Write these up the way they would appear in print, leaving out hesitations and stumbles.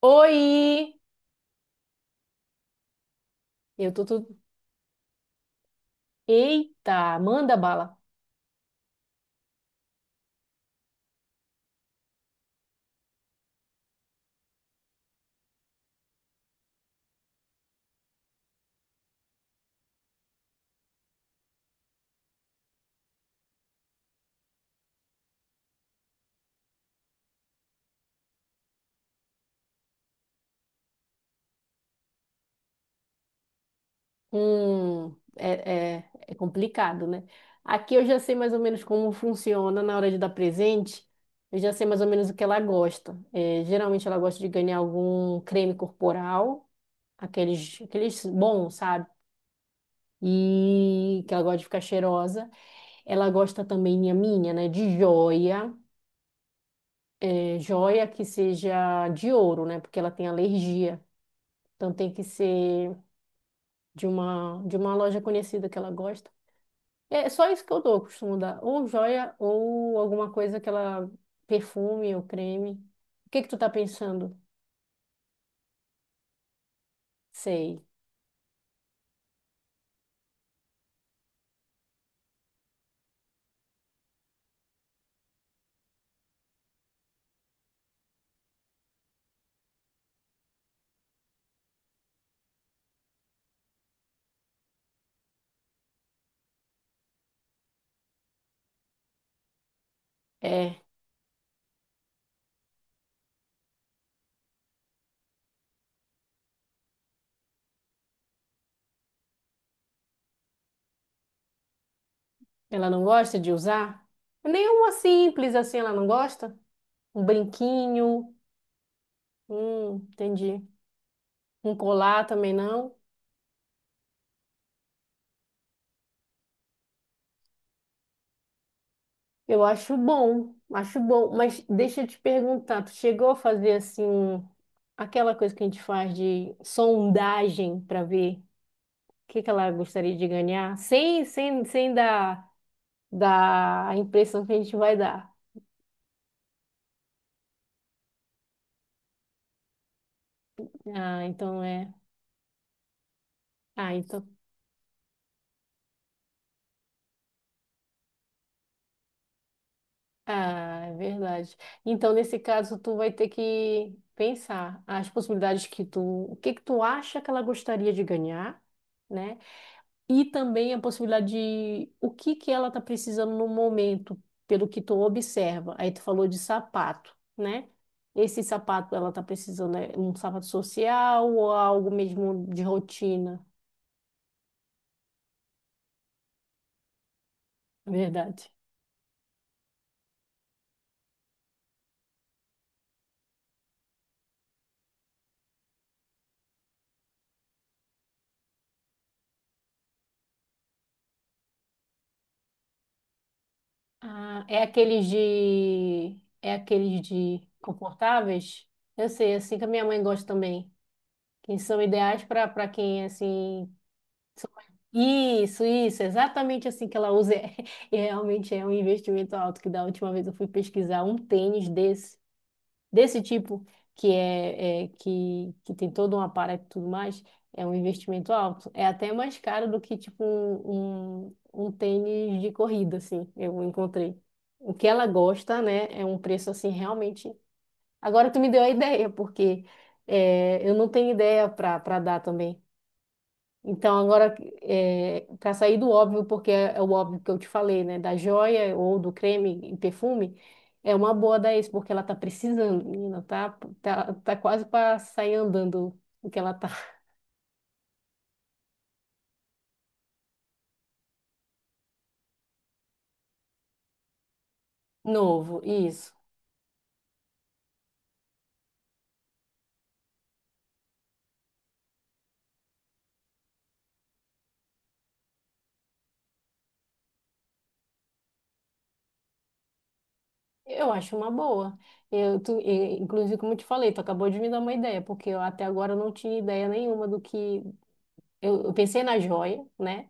Oi! Eu tô tudo. Eita, manda bala. Hum, é complicado, né? Aqui eu já sei mais ou menos como funciona na hora de dar presente. Eu já sei mais ou menos o que ela gosta. É, geralmente ela gosta de ganhar algum creme corporal, aqueles bons, sabe? E que ela gosta de ficar cheirosa. Ela gosta também, né? De joia. É, joia que seja de ouro, né? Porque ela tem alergia. Então tem que ser de uma loja conhecida que ela gosta. É só isso que eu dou, eu costumo dar. Ou joia, ou alguma coisa que ela... Perfume ou creme. O que que tu tá pensando? Sei. É, ela não gosta de usar? Nenhuma simples assim ela não gosta? Um brinquinho? Entendi. Um colar também não? Eu acho bom, acho bom. Mas deixa eu te perguntar, tu chegou a fazer assim... um- Aquela coisa que a gente faz de sondagem para ver o que que ela gostaria de ganhar, sem dar, dar a impressão que a gente vai dar. Ah, então é. Ah, então. Ah, é verdade. Então, nesse caso, tu vai ter que pensar as possibilidades que tu, o que que tu acha que ela gostaria de ganhar, né? E também a possibilidade de o que que ela está precisando no momento, pelo que tu observa. Aí tu falou de sapato, né? Esse sapato ela está precisando é um sapato social ou algo mesmo de rotina? Verdade. Ah, é aqueles de confortáveis? Eu sei, assim que a minha mãe gosta também. Que são ideais para para quem assim Isso, exatamente assim que ela usa. E realmente é um investimento alto, que da última vez eu fui pesquisar um tênis desse, desse tipo, que é, é que tem todo um aparato e tudo mais, é um investimento alto. É até mais caro do que tipo um tênis de corrida, assim, eu encontrei. O que ela gosta, né, é um preço assim realmente. Agora tu me deu a ideia, porque é, eu não tenho ideia para para dar também. Então, agora, para sair do óbvio, porque é, é o óbvio que eu te falei, né? Da joia ou do creme e perfume, é uma boa da ex, porque ela tá precisando, menina, tá quase para sair andando o que ela tá. Novo, isso. Eu acho uma boa. Inclusive, como eu te falei, tu acabou de me dar uma ideia, porque eu até agora não tinha ideia nenhuma do que. Eu pensei na joia, né?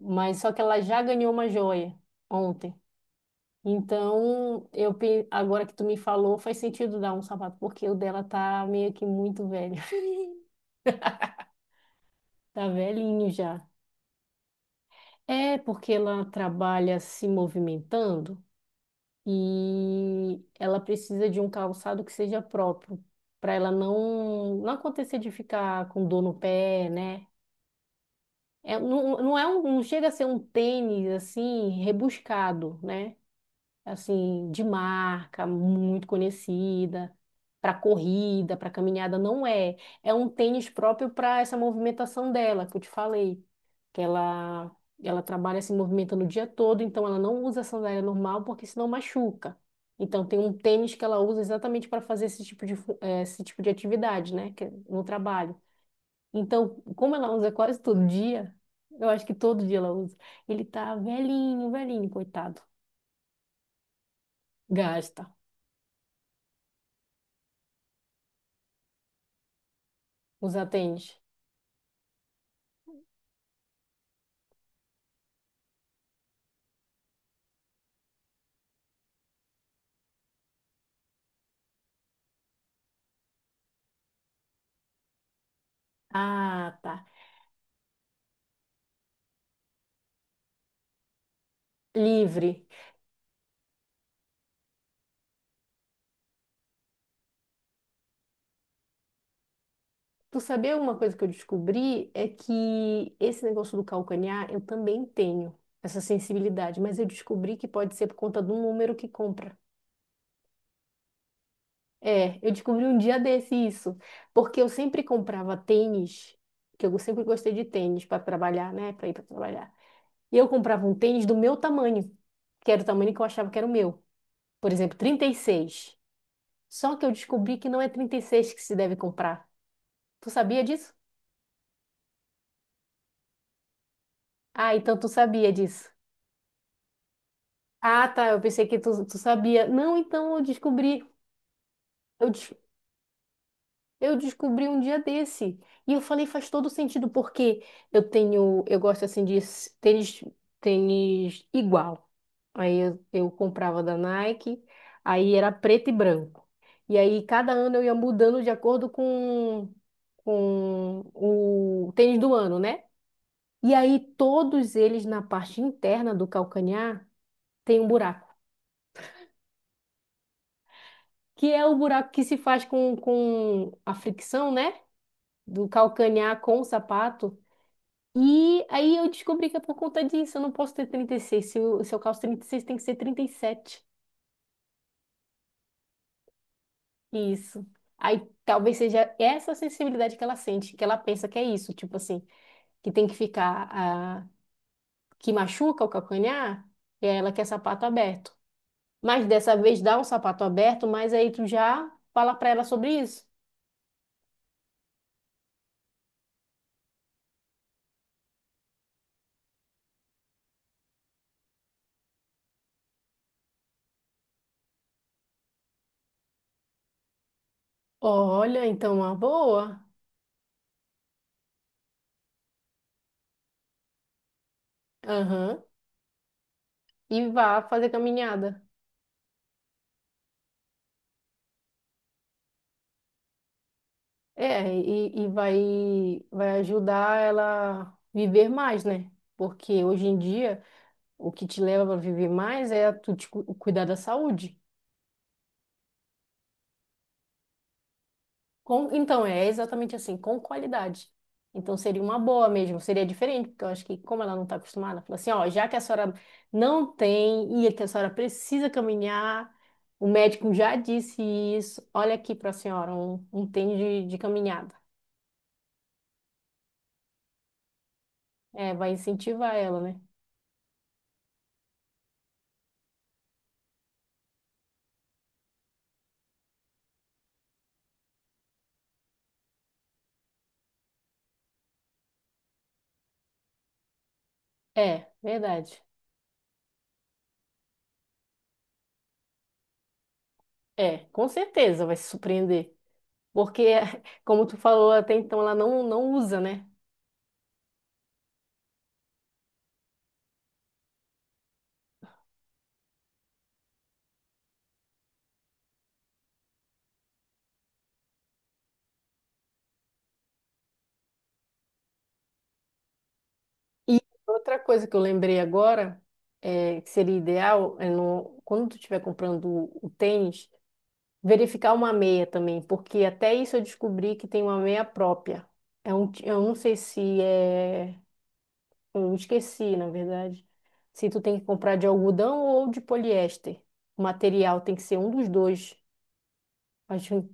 Mas só que ela já ganhou uma joia ontem. Então, eu pe- agora que tu me falou, faz sentido dar um sapato, porque o dela tá meio que muito velho. Tá velhinho já. É porque ela trabalha se movimentando e ela precisa de um calçado que seja próprio, para ela não, não acontecer de ficar com dor no pé, né? É, não, não é um, não chega a ser um tênis assim rebuscado, né? Assim, de marca, muito conhecida, para corrida, para caminhada, não é. É um tênis próprio para essa movimentação dela, que eu te falei, que ela ela trabalha se movimentando o dia todo, então ela não usa sandália normal porque senão machuca. Então tem um tênis que ela usa exatamente para fazer esse tipo de fu- eh, esse tipo de atividade, né, que é no trabalho. Então, como ela usa quase todo dia, eu acho que todo dia ela usa. Ele tá velhinho, velhinho, coitado. Gasta. Os atende. Ah, tá. Livre. Tu sabia uma coisa que eu descobri? É que esse negócio do calcanhar, eu também tenho essa sensibilidade, mas eu descobri que pode ser por conta do número que compra. É, eu descobri um dia desse isso, porque eu sempre comprava tênis, que eu sempre gostei de tênis para trabalhar, né? Para ir para trabalhar. E eu comprava um tênis do meu tamanho, que era o tamanho que eu achava que era o meu. Por exemplo, trinta e seis. Só que eu descobri que não é 36 que se deve comprar. Tu sabia disso? Ah, então tu sabia disso. Ah, tá. Eu pensei que tu, tu sabia. Não, então eu descobri. Eu, des- eu descobri um dia desse. E eu falei, faz todo sentido, porque eu tenho. Eu gosto assim de s- tênis, tênis igual. Aí eu comprava da Nike, aí era preto e branco. E aí cada ano eu ia mudando de acordo com o tênis do ano, né? E aí todos eles na parte interna do calcanhar. Tem um buraco, que é o buraco que se faz com a fricção, né? Do calcanhar com o sapato. E aí eu descobri que é por conta disso, eu não posso ter 36. Se eu calço 36, tem que ser 37. Isso. Aí talvez seja essa sensibilidade que ela sente, que ela pensa que é isso, tipo assim, que tem que ficar, ah, que machuca o calcanhar, e aí ela quer sapato aberto. Mas dessa vez dá um sapato aberto, mas aí tu já fala pra ela sobre isso. Olha, então uma boa. Aham. E vá fazer caminhada. É, e vai, vai ajudar ela a viver mais, né? Porque hoje em dia, o que te leva a viver mais é tu te cu- cuidar da saúde. Com, então, é exatamente assim, com qualidade. Então, seria uma boa mesmo, seria diferente, porque eu acho que, como ela não está acostumada, fala assim: ó, já que a senhora não tem e que a senhora precisa caminhar, o médico já disse isso, olha aqui para a senhora, um tênis de caminhada. É, vai incentivar ela, né? É, verdade. É, com certeza vai se surpreender. Porque, como tu falou até então, ela não, não usa, né? E outra coisa que eu lembrei agora, é, que seria ideal, é no, quando tu estiver comprando o tênis, verificar uma meia também, porque até isso eu descobri que tem uma meia própria. É um, ti- eu não sei se é. Eu esqueci, na verdade. Se tu tem que comprar de algodão ou de poliéster. O material tem que ser um dos dois. Acho...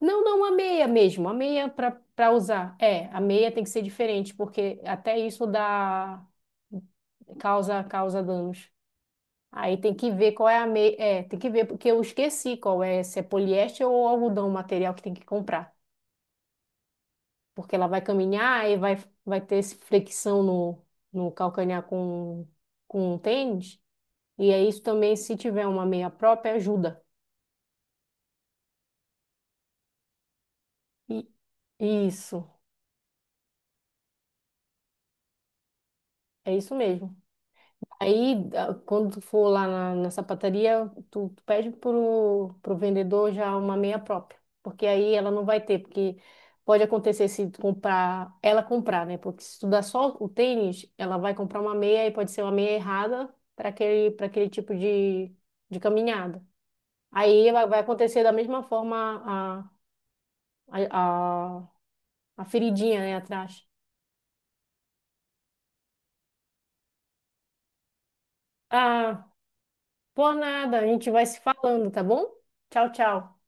Não, não, a meia mesmo, a meia para para usar. É, a meia tem que ser diferente, porque até isso dá causa danos. Aí tem que ver qual é a meia, é, tem que ver porque eu esqueci qual é, se é poliéster ou algodão o material que tem que comprar, porque ela vai caminhar e vai vai ter esse flexão no no calcanhar com o tênis, e é isso também se tiver uma meia própria ajuda. E- Isso, é isso mesmo. Aí, a- quando tu for lá na sapataria, tu pede pro, pro vendedor já uma meia própria, porque aí ela não vai ter, porque pode acontecer se tu comprar, ela comprar, né? Porque se tu dá só o tênis, ela vai comprar uma meia e pode ser uma meia errada para aquele tipo de caminhada. Aí vai, vai acontecer da mesma forma a, a, a, a feridinha, né, atrás. Ah, por nada, a gente vai se falando, tá bom? Tchau, tchau.